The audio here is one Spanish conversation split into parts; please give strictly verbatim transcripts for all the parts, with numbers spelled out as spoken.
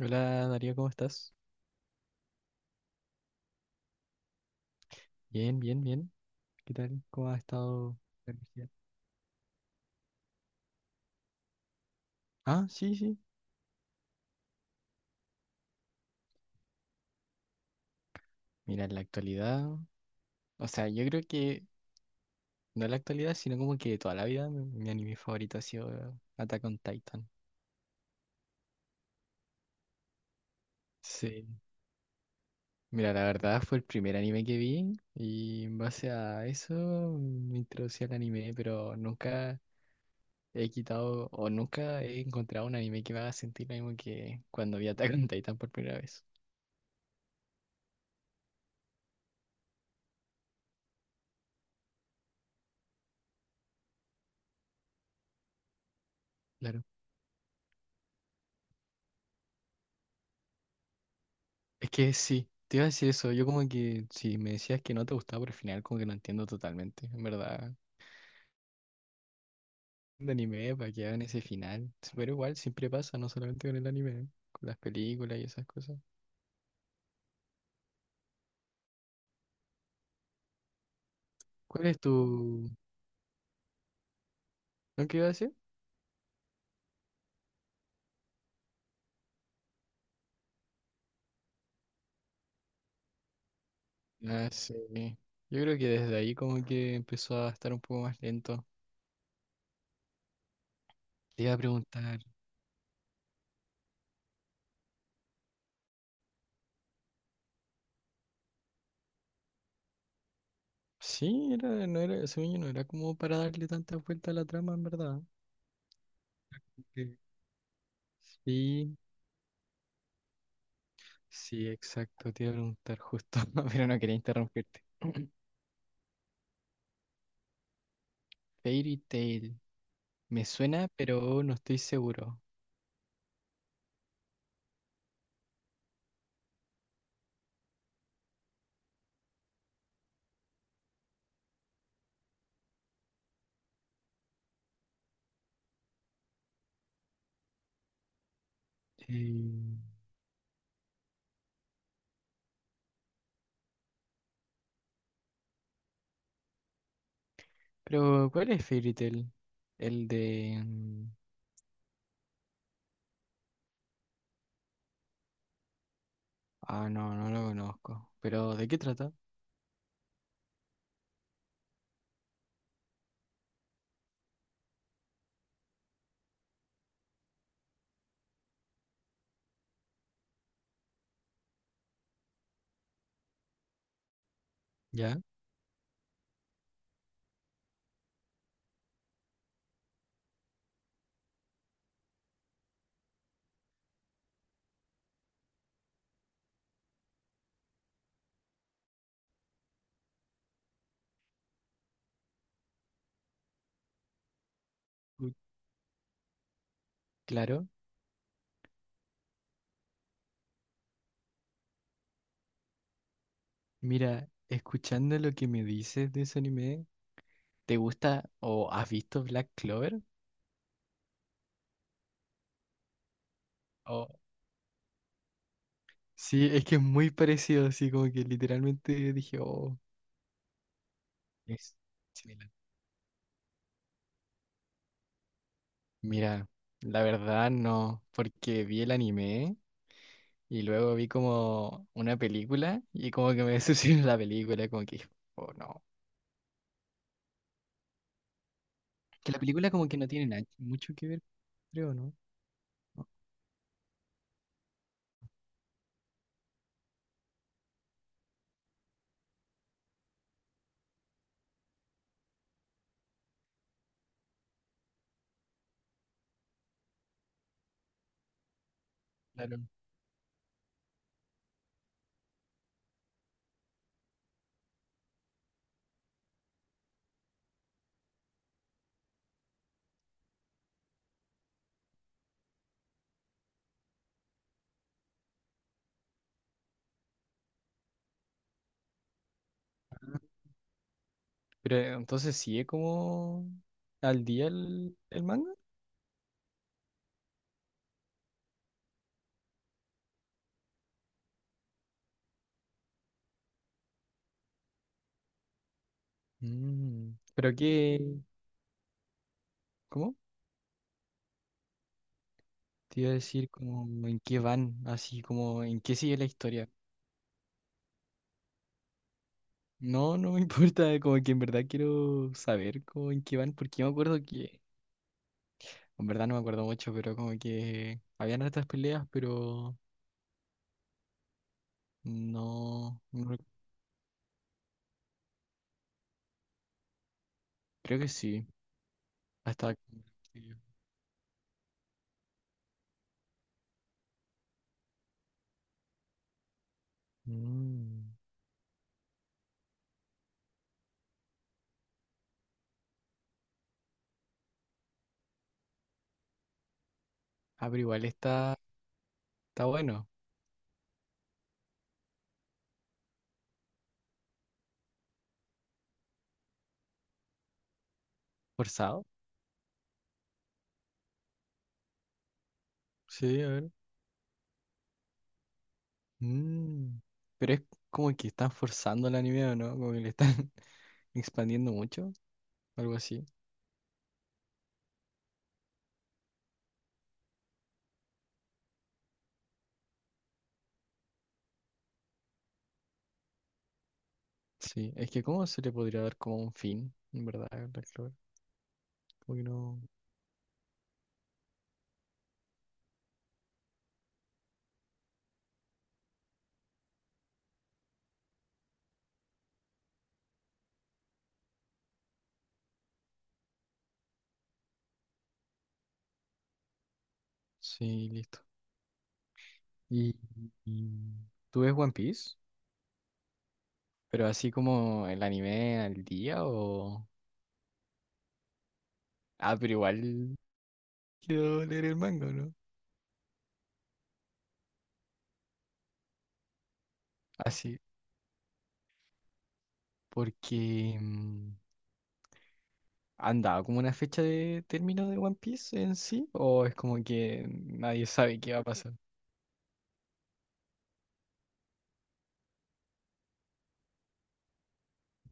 Hola Darío, ¿cómo estás? Bien, bien, bien. ¿Qué tal? ¿Cómo ha estado la energía? Ah, sí, sí. Mira, en la actualidad, o sea, yo creo que no en la actualidad, sino como que toda la vida mi, mi anime favorito ha sido eh, Attack on Titan. Sí. Mira, la verdad fue el primer anime que vi y en base a eso me introducí al anime, pero nunca he quitado o nunca he encontrado un anime que me haga sentir lo mismo que cuando vi Attack on Titan por primera vez. Claro. Es que sí, te iba a decir eso. Yo como que si me decías que no te gustaba por el final, como que no entiendo totalmente. En verdad, de anime, para que hagan ese final. Pero igual, siempre pasa, no solamente con el anime, con las películas y esas cosas. ¿Cuál es tu... ¿No que iba a decir? Ah, sí. Yo creo que desde ahí como que empezó a estar un poco más lento. Te iba a preguntar. Sí, era, no era, según yo no era como para darle tantas vueltas a la trama, en verdad. Porque sí. Sí, exacto, te iba a preguntar justo, pero no quería interrumpirte. Fairy Tail, me suena, pero no estoy seguro. Eh, pero, ¿cuál es Fairy Tail? El de... mm, ah, no, no lo conozco. Pero, ¿de qué trata? ¿Ya? Uy, claro. Mira, escuchando lo que me dices de ese anime, ¿te gusta o has visto Black Clover? O... sí, es que es muy parecido, así como que literalmente dije, oh, es similar. Mira, la verdad no, porque vi el anime y luego vi como una película y como que me decepcionó la película, como que, oh no. Que la película como que no tiene na- mucho que ver, creo, ¿no? No, claro. Pero entonces sí es como al día el, el manga. Mm, pero qué, ¿cómo? Te iba a decir como en qué van, así como en qué sigue la historia. No, no me importa, como que en verdad quiero saber como en qué van, porque yo me acuerdo que en verdad no me acuerdo mucho, pero como que habían hartas peleas, pero no, no rec- creo que sí. Hasta que... mm. Ah, pero igual está, está bueno. ¿Forzado? Sí, a ver. Mm. Pero es como que están forzando el anime, ¿o no? Como que le están expandiendo mucho, algo así. Sí, es que cómo se le podría dar como un fin, en verdad, a Black Clover. Como que no. Sí, listo. ¿Y, y tú ves One Piece? Pero así como el anime al día o... ah, pero igual quiero leer el manga, ¿no? Así, porque mm, ¿han dado como una fecha de término de One Piece en sí? ¿O es como que nadie sabe qué va a pasar?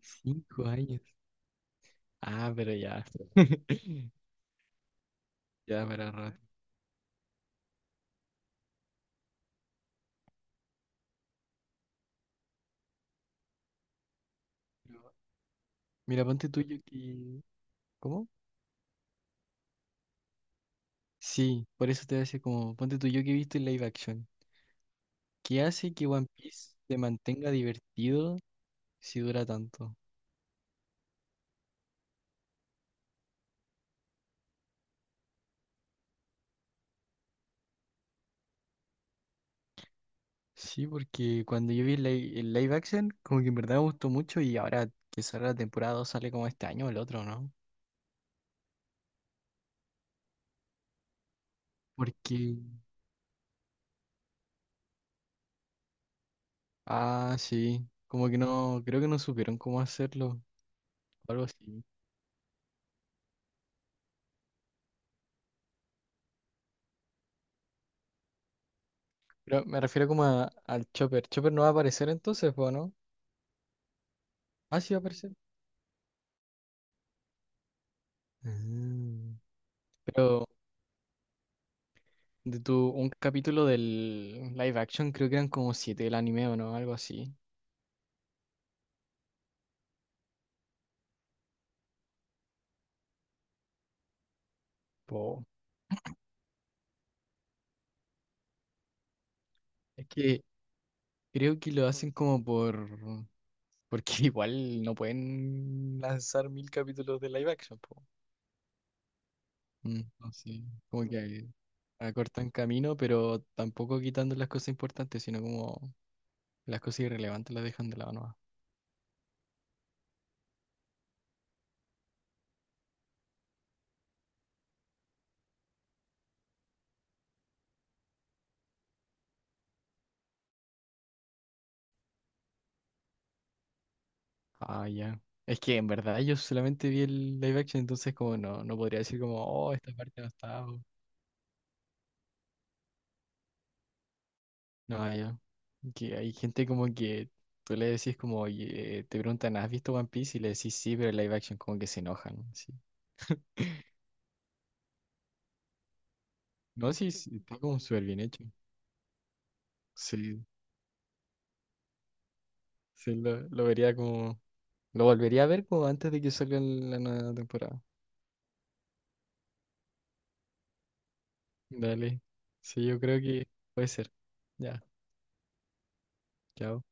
Cinco años. Ah, pero ya. Ya para rato. Pero mira, ponte tuyo que... ¿cómo? Sí, por eso te hace como... ponte tú yo que he visto el live action. ¿Qué hace que One Piece se mantenga divertido si dura tanto? Sí, porque cuando yo vi el li- el live action, como que en verdad me gustó mucho y ahora que sale la temporada dos sale como este año o el otro, ¿no? Porque, ah, sí, como que no, creo que no supieron cómo hacerlo, o algo así. Pero me refiero como a- al Chopper. ¿Chopper no va a aparecer entonces, po, no? Ah, sí va a aparecer. Ah, pero de tu, un capítulo del live action creo que eran como siete del anime o no, algo así. Po. Es que creo que lo hacen como por... porque igual no pueden lanzar mil capítulos de live action, po. Mm, no sé, como que acortan camino, pero tampoco quitando las cosas importantes, sino como las cosas irrelevantes las dejan de lado nomás. Ah, ya. Es que en verdad yo solamente vi el live action, entonces como no, no podría decir como, oh, esta parte no está. O... no, ah, ya. Que hay gente como que tú le decís como, oye, te preguntan, ¿has visto One Piece? Y le decís sí, pero el live action como que se enojan. Así. No, sí, sí, está como súper bien hecho. Sí. Sí, lo, lo vería como. Lo volvería a ver como antes de que salga la nueva temporada. Dale. Sí, yo creo que puede ser. Ya, chao.